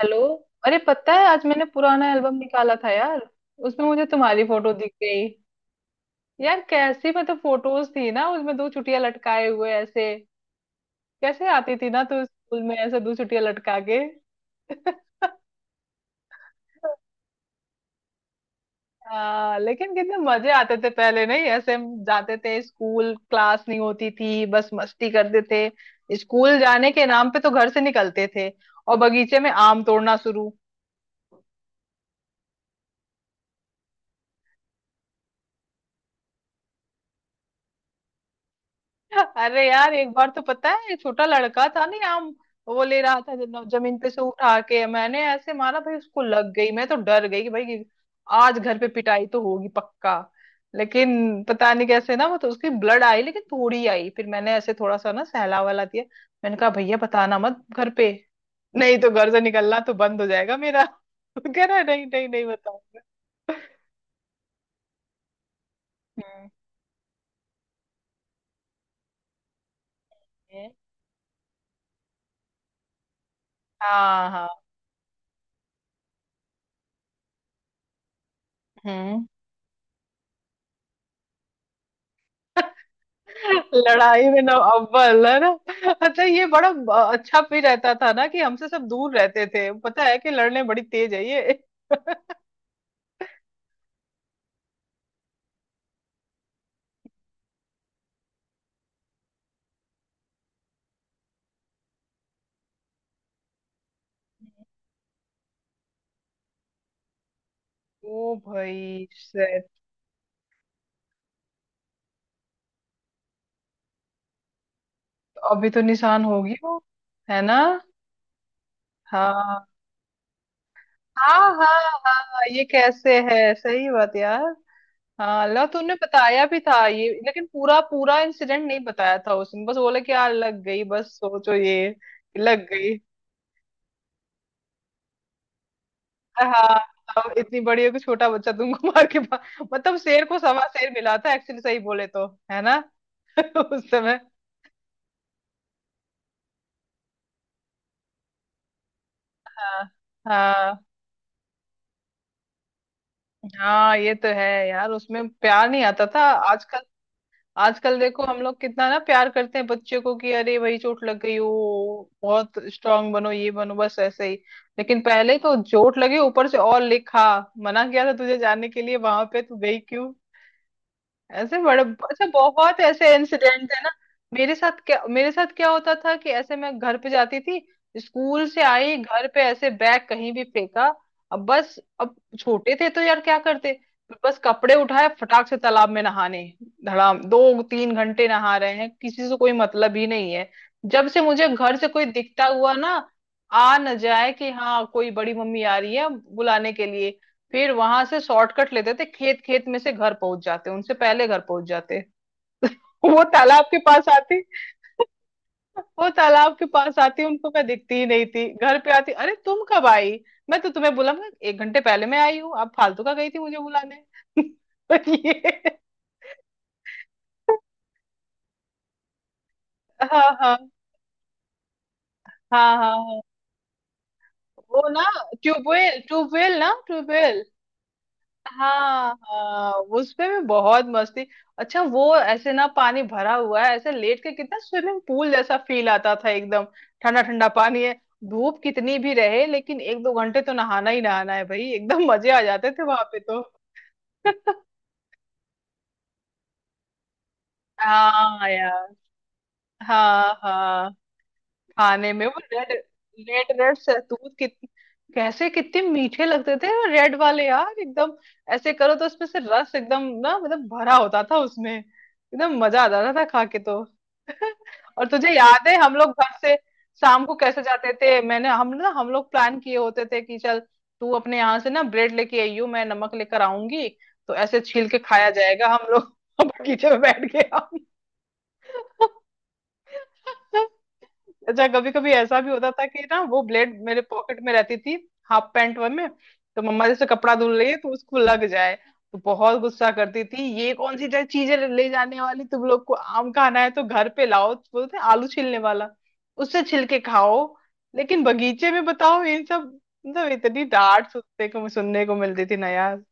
Hello. अरे, पता है आज मैंने पुराना एल्बम निकाला था यार। उसमें मुझे तुम्हारी फोटो दिख गई। यार कैसी मतलब फोटोज थी ना, उसमें दो चुटिया लटकाए हुए ऐसे। कैसे आती थी ना तू स्कूल में, ऐसे दो चुटिया लटका के। हाँ, लेकिन कितने मजे आते थे पहले। नहीं ऐसे, हम जाते थे स्कूल, क्लास नहीं होती थी, बस मस्ती करते थे। स्कूल जाने के नाम पे तो घर से निकलते थे। और बगीचे में आम तोड़ना शुरू। अरे यार, एक बार तो पता है, छोटा लड़का था ना आम। वो ले रहा था, जमीन पे से उठा के मैंने ऐसे मारा भाई, उसको लग गई। मैं तो डर गई कि भाई, आज घर पे पिटाई तो होगी पक्का। लेकिन पता नहीं कैसे ना, वो तो उसकी ब्लड आई लेकिन थोड़ी आई, फिर मैंने ऐसे थोड़ा सा ना सहला वाला दिया। मैंने कहा, भैया बताना मत घर पे। नहीं तो घर से निकलना तो बंद हो जाएगा मेरा। तो कह रहा है, नहीं नहीं नहीं बताऊंगा। हम्म। हाँ हाँ। हम्म। लड़ाई में ना अव्वल है ना। अच्छा, ये बड़ा अच्छा भी रहता था ना कि हमसे सब दूर रहते थे, पता है कि लड़ने बड़ी तेज है ये। ओ भाई, shit। अभी तो निशान होगी वो। है ना। हाँ हाँ हाँ। हाँ, ये कैसे है, सही बात यार। हाँ लो, तूने बताया भी था ये लेकिन पूरा पूरा इंसिडेंट नहीं बताया था, उसने बस बोला कि यार लग गई, बस। सोचो ये। लग गई। हाँ। अब इतनी बड़ी हो कि छोटा बच्चा तुमको मार के मतलब शेर को सवा शेर मिला था एक्चुअली, सही बोले तो, है ना। उस समय। हाँ हाँ। हाँ, ये तो है यार, उसमें प्यार नहीं आता था। आजकल। आजकल देखो हम लोग कितना ना प्यार करते हैं बच्चे को कि अरे, वही चोट लग गई हो। बहुत स्ट्रांग बनो, ये बनो, बस ऐसे ही। लेकिन पहले तो चोट लगी ऊपर से और लिखा। मना किया था तुझे जाने के लिए, वहां पे तू गई। ऐसे बड़े, अच्छा बहुत ऐसे इंसिडेंट है ना। मेरे साथ क्या, मेरे साथ क्या होता था कि ऐसे मैं घर पे जाती थी। स्कूल से आई, घर पे ऐसे बैग कहीं भी फेंका। अब बस, अब छोटे थे तो यार क्या करते। बस कपड़े उठाए फटाक से तालाब में नहाने। धड़ाम, 2-3 घंटे नहा रहे हैं, किसी से कोई मतलब ही नहीं है। जब से मुझे घर से कोई दिखता हुआ ना आ न जाए कि हाँ कोई बड़ी मम्मी आ रही है बुलाने के लिए। फिर वहां से शॉर्टकट लेते थे, खेत खेत में से घर पहुंच जाते, उनसे पहले घर पहुंच जाते। वो तालाब के पास आती। वो तालाब के पास आती, उनको मैं दिखती ही नहीं थी। घर पे आती, अरे तुम कब आई। मैं तो तुम्हें बोला मैं 1 घंटे पहले मैं आई हूँ, आप फालतू का गई थी मुझे बुलाने। और ये। हाँ हाँ हाँ हाँ हाँ। वो ना। ट्यूबवेल, ट्यूबवेल ना, ट्यूबवेल। हाँ हाँ। उसपे भी बहुत मस्ती। अच्छा वो ऐसे ना, पानी भरा हुआ है, ऐसे लेट के कितना स्विमिंग पूल जैसा फील आता था एकदम। ठंडा ठंडा पानी है। धूप कितनी भी रहे लेकिन 1-2 घंटे तो नहाना ही नहाना है भाई, एकदम मजे आ जाते थे वहां पे तो। हाँ यार। हाँ हाँ। खाने में वो रेड, रेड रेड सहतूत कितने, कैसे कितने मीठे लगते थे वो रेड वाले यार, एकदम ऐसे करो तो उसमें से रस एकदम ना, मतलब भरा होता था उसमें, एकदम मजा आ जाता था खा के तो। और तुझे याद है, हम लोग घर से शाम को कैसे जाते थे, मैंने हम ना, हम लोग प्लान किए होते थे कि चल तू अपने यहाँ से ना ब्रेड लेके आइयो, मैं नमक लेकर आऊंगी, तो ऐसे छील के खाया जाएगा हम लोग। बगीचे में बैठ के हम। अच्छा कभी कभी ऐसा भी होता था कि ना वो ब्लेड मेरे पॉकेट में रहती थी, हाफ पैंट वन में, तो मम्मा जैसे कपड़ा धुल रही है तो उसको लग जाए, तो बहुत गुस्सा करती थी, ये कौन सी चीज है ले जाने वाली, तुम लोग को आम खाना है तो घर पे लाओ, तो बोलते हैं, आलू छीलने वाला उससे छिलके खाओ। लेकिन बगीचे में बताओ इन सब, मतलब इतनी डांट सुनने को मिलती थी ना यार।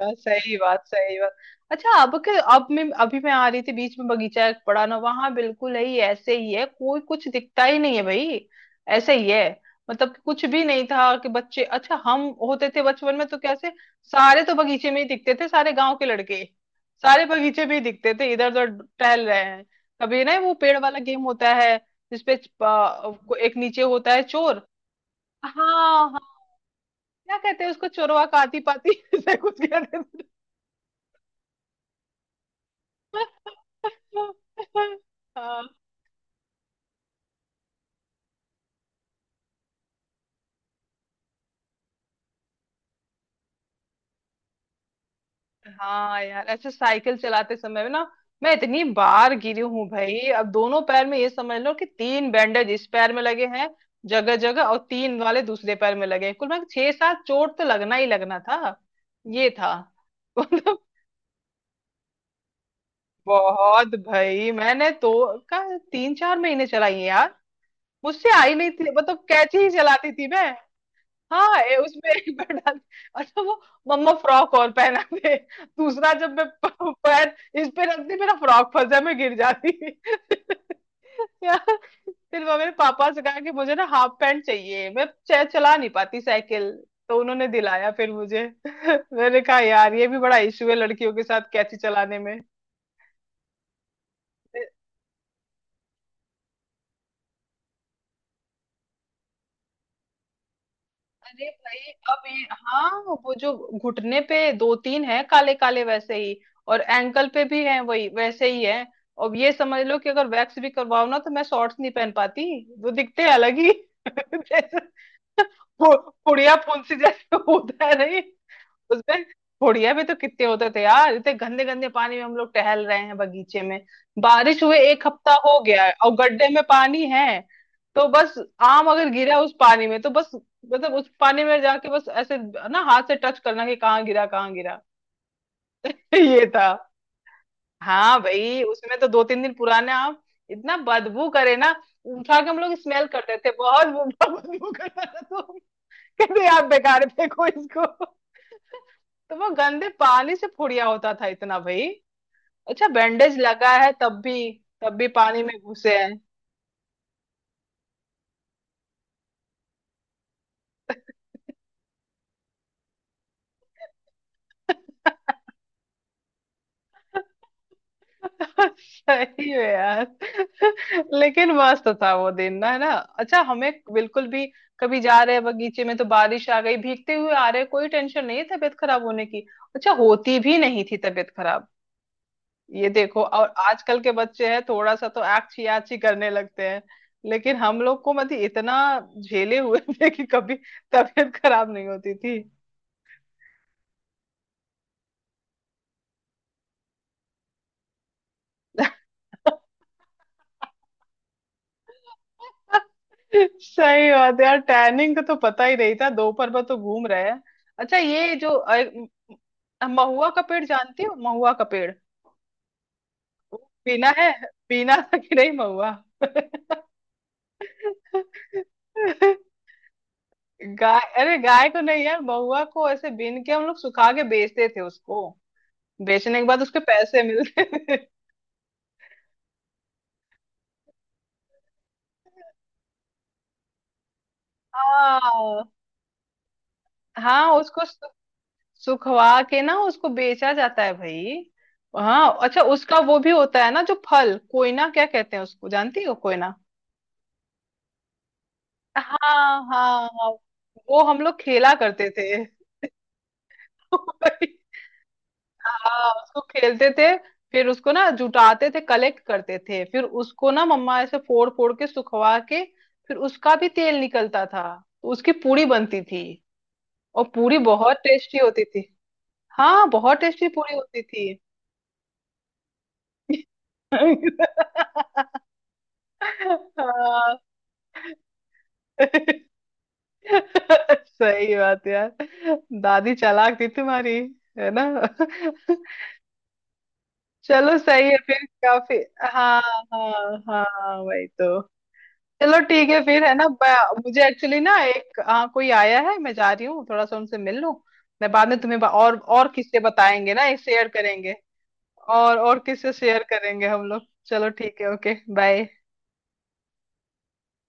सही बात, सही बात। अच्छा अब के, अब मैं, अभी मैं आ रही थी बीच में बगीचा एक पड़ा ना, वहां बिल्कुल ही ऐसे ही है, कोई कुछ दिखता ही नहीं है भाई। ऐसे ही है। मतलब कि कुछ भी नहीं था कि बच्चे, अच्छा हम होते थे बचपन में तो कैसे सारे तो बगीचे में ही दिखते थे, सारे गांव के लड़के, सारे बगीचे में ही दिखते थे, इधर उधर टहल रहे हैं। कभी ना वो पेड़ वाला गेम होता है जिसपे एक नीचे होता है चोर। हाँ हाँ। क्या कहते हैं उसको, चोरवा का आती पाती, ऐसे कुछ कहते हैं। हाँ हाँ यार, अच्छा साइकिल चलाते समय ना, मैं इतनी बार गिरी हूँ भाई, अब दोनों पैर में ये समझ लो कि तीन बैंडेज इस पैर में लगे हैं जगह जगह, और तीन वाले दूसरे पैर में लगे हैं, कुल मैं छह सात चोट तो लगना ही लगना था। ये था। मतलब बहुत भाई, मैंने तो का 3-4 महीने चलाई है यार, मुझसे आई नहीं थी, मतलब कैची ही चलाती थी मैं। हाँ, ये उसमें एक बार डाल, अच्छा वो मम्मा फ्रॉक और पहना दे, दूसरा जब मैं पैर इस पे रखती मेरा फ्रॉक फंस जाए, मैं गिर जाती यार। फिर वो मेरे पापा से कहा कि मुझे ना हाफ पैंट चाहिए, मैं चला नहीं पाती साइकिल, तो उन्होंने दिलाया फिर मुझे। मैंने कहा यार ये भी बड़ा इशू है लड़कियों के साथ कैची चलाने में। अरे भाई, अब ये, हाँ वो जो घुटने पे दो तीन है काले काले, वैसे ही, और एंकल पे भी है वही, वैसे ही है। अब ये समझ लो कि अगर वैक्स भी करवाओ ना तो मैं शॉर्ट्स नहीं पहन पाती, वो दिखते हैं अलग ही जैसे पु- पुड़िया फुंसी जैसे होता है, नहीं उसमें बुढ़िया भी तो कितने होते थे यार, इतने गंदे गंदे पानी में हम लोग टहल रहे हैं बगीचे में, बारिश हुए एक हफ्ता हो गया है और गड्ढे में पानी है। तो बस, आम अगर गिरा उस पानी में तो बस, मतलब उस पानी में जाके बस ऐसे ना हाथ से टच करना कि कहाँ गिरा, कहाँ गिरा। ये था। हाँ भाई, उसमें तो 2-3 दिन पुराने आम इतना बदबू करे ना, उठा के हम लोग स्मेल करते थे, बहुत बदबू करता था तो कहते यार बेकार फेंको इसको। तो वो गंदे पानी से फुड़िया होता था इतना भाई। अच्छा बैंडेज लगा है तब भी, तब भी पानी में घुसे हैं। सही है यार। लेकिन मस्त था वो दिन ना, है ना, अच्छा हमें बिल्कुल भी, कभी जा रहे हैं बगीचे में तो बारिश आ गई, भीगते हुए आ रहे, कोई टेंशन नहीं है तबीयत खराब होने की। अच्छा होती भी नहीं थी तबीयत खराब। ये देखो, और आजकल के बच्चे हैं थोड़ा सा तो आछी आछी करने लगते हैं, लेकिन हम लोग को मतलब इतना झेले हुए थे कि कभी तबीयत खराब नहीं होती थी। सही बात है यार, टैनिंग का तो पता ही नहीं था, दोपहर भर तो घूम रहे हैं। अच्छा ये जो महुआ का पेड़, जानती हो महुआ का पेड़। पीना है, पीना था कि नहीं महुआ। गाय? अरे गाय को नहीं यार, महुआ को ऐसे बीन के हम लोग सुखा के बेचते थे उसको, बेचने के बाद उसके पैसे मिलते थे। हाँ हाँ, उसको सुखवा के ना उसको बेचा जाता है भाई। हाँ, अच्छा उसका वो भी होता है ना, जो फल कोयना क्या कहते हैं उसको, जानती हो कोयना। हाँ हाँ हाँ। वो हम लोग खेला करते थे। हाँ उसको खेलते थे, फिर उसको ना जुटाते थे, कलेक्ट करते थे, फिर उसको ना मम्मा ऐसे फोड़ फोड़ के सुखवा के, फिर उसका भी तेल निकलता था, तो उसकी पूरी बनती थी, और पूरी बहुत टेस्टी होती थी। हाँ बहुत टेस्टी पूरी होती थी। हाँ। सही बात यार, दादी चालाक थी तुम्हारी, है ना। चलो सही है फिर काफी। हाँ हाँ हाँ, वही तो। चलो ठीक है फिर, है ना, मुझे एक्चुअली ना एक कोई आया है, मैं जा रही हूँ थोड़ा सा उनसे मिल लूँ। मैं बाद में तुम्हें और किससे बताएंगे ना, ये शेयर करेंगे, और किससे शेयर करेंगे हम लोग। चलो ठीक है, ओके बाय।